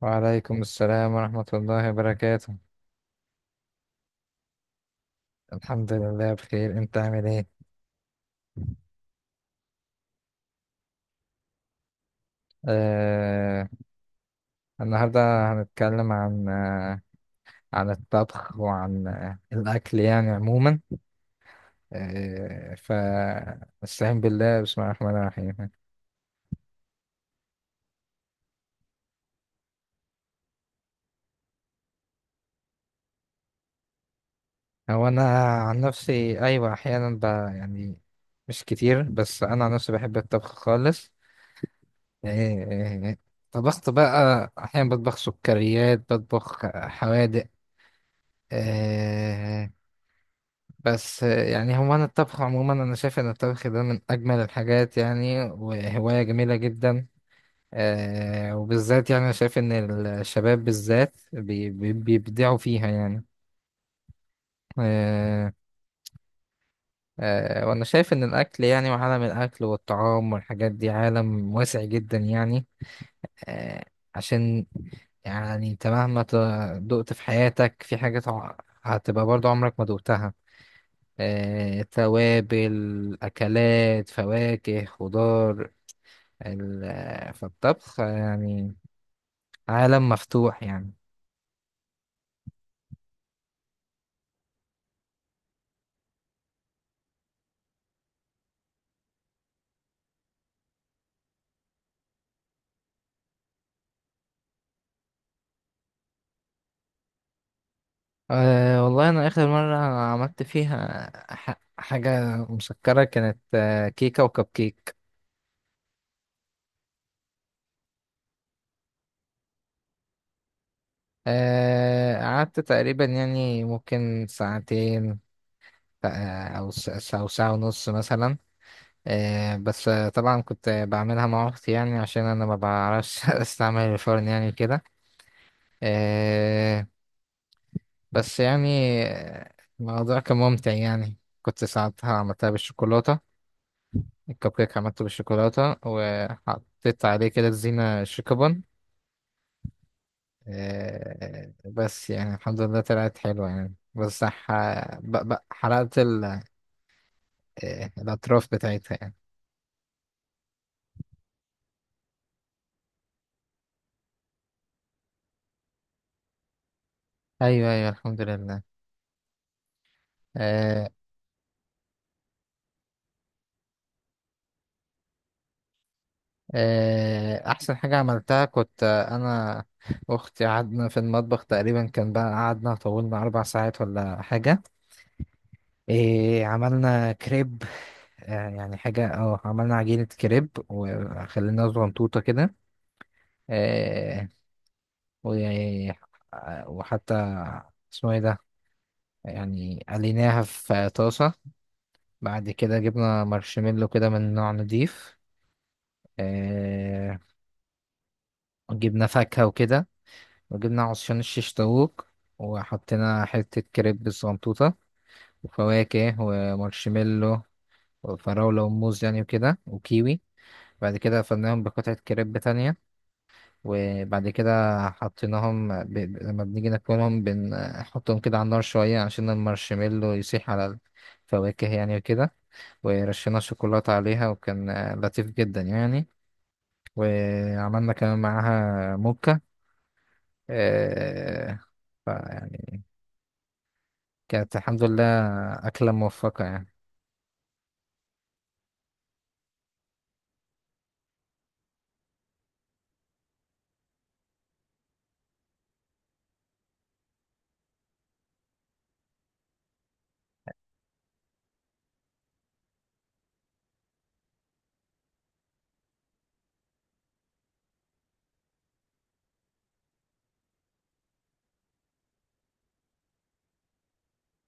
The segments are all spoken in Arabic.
وعليكم السلام ورحمة الله وبركاته. الحمد لله بخير. انت عامل ايه؟ آه النهاردة هنتكلم عن عن الطبخ وعن الأكل يعني عموما. فاستعين بالله، بسم الله الرحمن الرحيم. هو أنا عن نفسي أيوة أحيانا يعني مش كتير. بس أنا عن نفسي بحب الطبخ خالص يعني. طبخت بقى أحيانا بطبخ سكريات بطبخ حوادق. آه، بس يعني هو أنا الطبخ عموما أنا شايف إن الطبخ ده من أجمل الحاجات يعني، وهواية جميلة جدا. وبالذات يعني أنا شايف إن الشباب بالذات بيبدعوا فيها يعني. آه وأنا شايف إن الأكل يعني، وعالم الأكل والطعام والحاجات دي عالم واسع جدا يعني. آه عشان يعني أنت مهما دقت في حياتك في حاجات هتبقى برضو عمرك ما دقتها. توابل، أكلات، فواكه، خضار. فالطبخ يعني عالم مفتوح يعني. أه والله أنا آخر مرة عملت فيها حاجة مسكرة كانت كيكة وكب كيك. قعدت تقريبا يعني ممكن ساعتين، أو أو ساعة ونص مثلا. آه، بس آه، طبعا كنت بعملها مع أختي يعني عشان أنا ما بعرفش أستعمل الفرن يعني كده. بس يعني الموضوع كان ممتع يعني. كنت ساعتها عملتها بالشوكولاتة، الكب كيك عملته بالشوكولاتة وحطيت عليه كده زينة شيكابون. بس يعني الحمد لله طلعت حلوة يعني، بس حرقت ال... آه، الأطراف بتاعتها يعني. أيوه أيوه، الحمد لله. آه، أحسن حاجة عملتها كنت، أنا أختي قعدنا في المطبخ تقريبا، كان بقى قعدنا طولنا 4 ساعات ولا حاجة. إيه، عملنا كريب. يعني حاجة عملنا عجينة كريب وخلينا صغنطوطة كده. آه و- وحتى اسمه ايه ده، يعني قليناها في طاسة. بعد كده جبنا مارشميلو كده من نوع نضيف، آه وجبنا فاكهة وكده، وجبنا عصيان الشيش طاووق، وحطينا حتة كريب الصغنطوطة وفواكه ومارشميلو وفراولة وموز يعني وكده وكيوي. بعد كده فضيناهم بقطعة كريب تانية. وبعد كده حطيناهم، لما بنيجي ناكلهم بنحطهم كده على النار شوية عشان المارشميلو يسيح على الفواكه يعني وكده. ورشينا شوكولاتة عليها وكان لطيف جدا يعني. وعملنا كمان معاها موكا. آه، فيعني كانت الحمد لله أكلة موفقة يعني.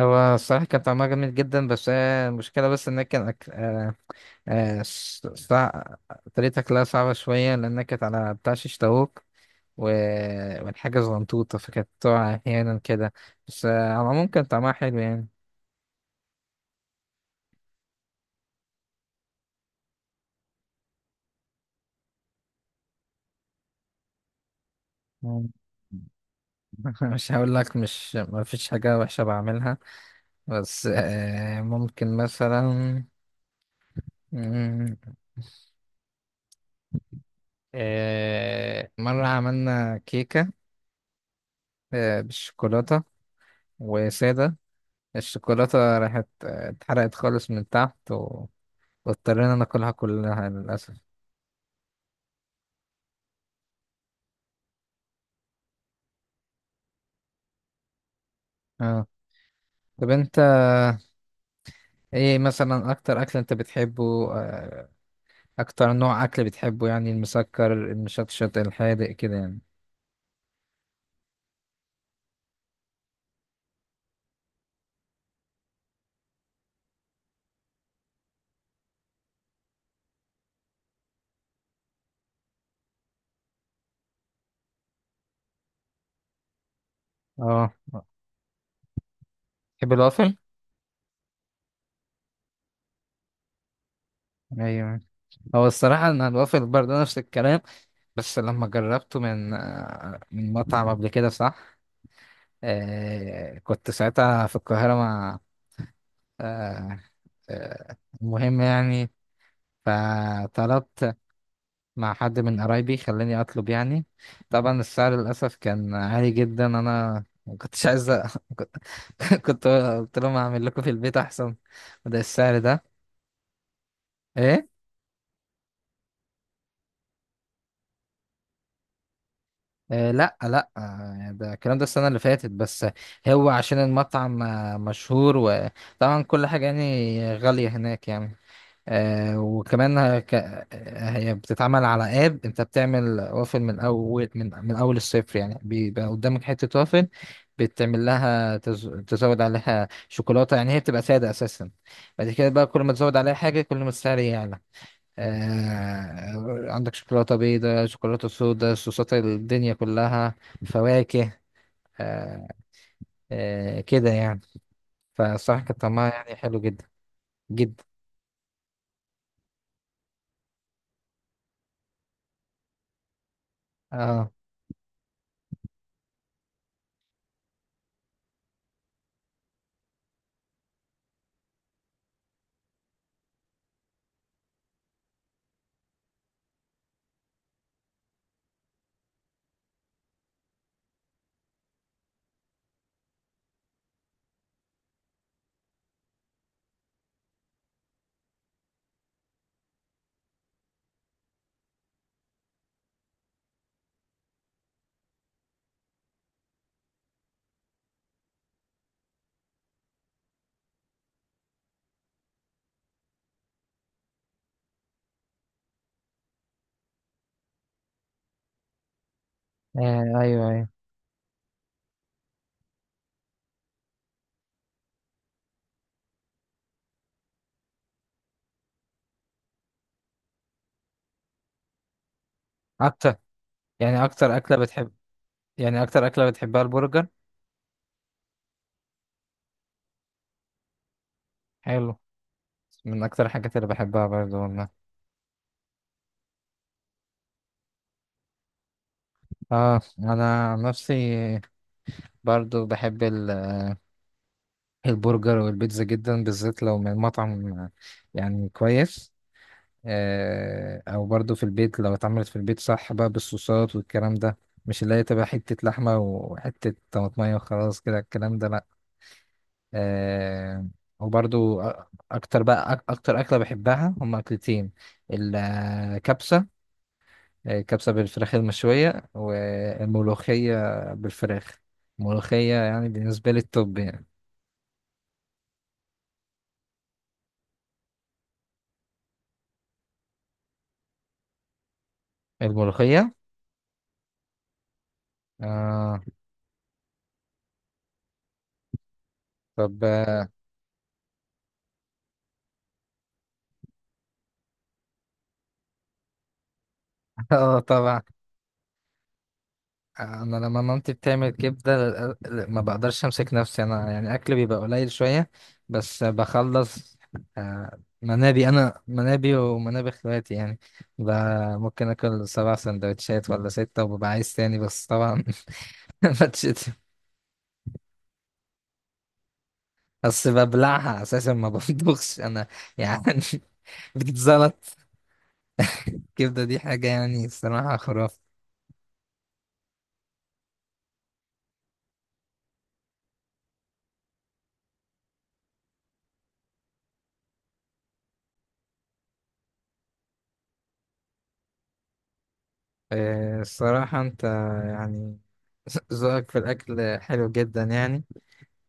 هو الصراحة كان طعمها جميل جدا، بس هي المشكلة بس إن هي كان أكل آه، ص- صع... طريقة أكلها صعبة شوية لأنها كانت على بتاع شيش طاووق و... والحاجة زغنطوطة، فكانت تقع أحيانا كده. بس على العموم كان طعمها حلو يعني. مم. مش هقول لك، مش ما فيش حاجة وحشة بعملها. بس ممكن مثلا، مم، مرة عملنا كيكة بالشوكولاتة وسادة. الشوكولاتة راحت، اتحرقت خالص من تحت، واضطرينا ناكلها كلها للأسف. اه، طب انت ايه مثلا اكتر اكل انت بتحبه، آه، اكتر نوع اكل بتحبه يعني، المسكر المشطشط الحادق كده يعني؟ اه، تحب الوافل؟ ايوه. هو الصراحه ان الوافل برضه نفس الكلام. بس لما جربته من مطعم قبل كده، صح. كنت ساعتها في القاهره مع آه آه المهم يعني، فطلبت مع حد من قرايبي، خلاني اطلب يعني. طبعا السعر للاسف كان عالي جدا، انا ما كنتش عايز كنت قلت لهم اعمل لكم في البيت احسن، وده السعر ده. ايه؟ لا لا، يعني ده الكلام ده السنه اللي فاتت بس. هو عشان المطعم مشهور، وطبعا كل حاجه يعني غاليه هناك يعني. آه وكمان هك... هي بتتعمل على اب، انت بتعمل وافل من اول، من اول الصفر يعني. بيبقى قدامك حتة وافل بتعمل لها تزود عليها شوكولاتة يعني، هي بتبقى سادة اساسا. بعد كده بقى كل ما تزود عليها حاجة كل ما السعر يعلى. عندك شوكولاتة بيضاء، شوكولاتة سودا، صوصات الدنيا كلها، فواكه آه... كده يعني. فالصراحة كانت طعمها يعني حلو جدا جدا. اه ايوه ايوه، اكتر يعني اكتر اكله بتحب، يعني اكتر اكله بتحبها البرجر؟ حلو، من اكتر الحاجات اللي بحبها برضو والله. اه، انا عن نفسي برضو بحب البرجر والبيتزا جدا، بالذات لو من مطعم يعني كويس. او برضو في البيت لو اتعملت في البيت صح بقى بالصوصات والكلام ده، مش اللي هي تبقى حتة لحمة وحتة طماطمية وخلاص كده الكلام ده، لأ. آه وبرضو أ- أكتر بقى أكتر أكلة بحبها هما أكلتين، الكبسة، كبسة بالفراخ المشوية، والملوخية بالفراخ. الملوخية يعني بالنسبة لي التوب يعني. الملوخية. آه طب، اه. طبعا. انا لما مامتي بتعمل كبدة ما بقدرش امسك نفسي، انا يعني اكل بيبقى قليل شوية، بس بخلص. منابي، انا منابي ومنابي اخواتي يعني. ب- ممكن اكل 7 سندوتشات ولا 6 وببقى عايز تاني، بس طبعا ما، بس ببلعها اساسا، ما بطبخش انا يعني. بتزلط. الكبده دي حاجه يعني الصراحه خرافه. الصراحه انت يعني ذوقك في الاكل حلو جدا يعني،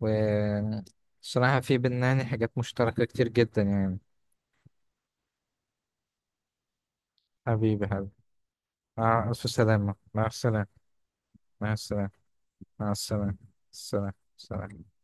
والصراحه في بينا يعني حاجات مشتركه كتير جدا يعني. حبيبي حبيبي، مع الف سلامه، مع السلامه، مع السلامه، مع السلامه، السلام سلام.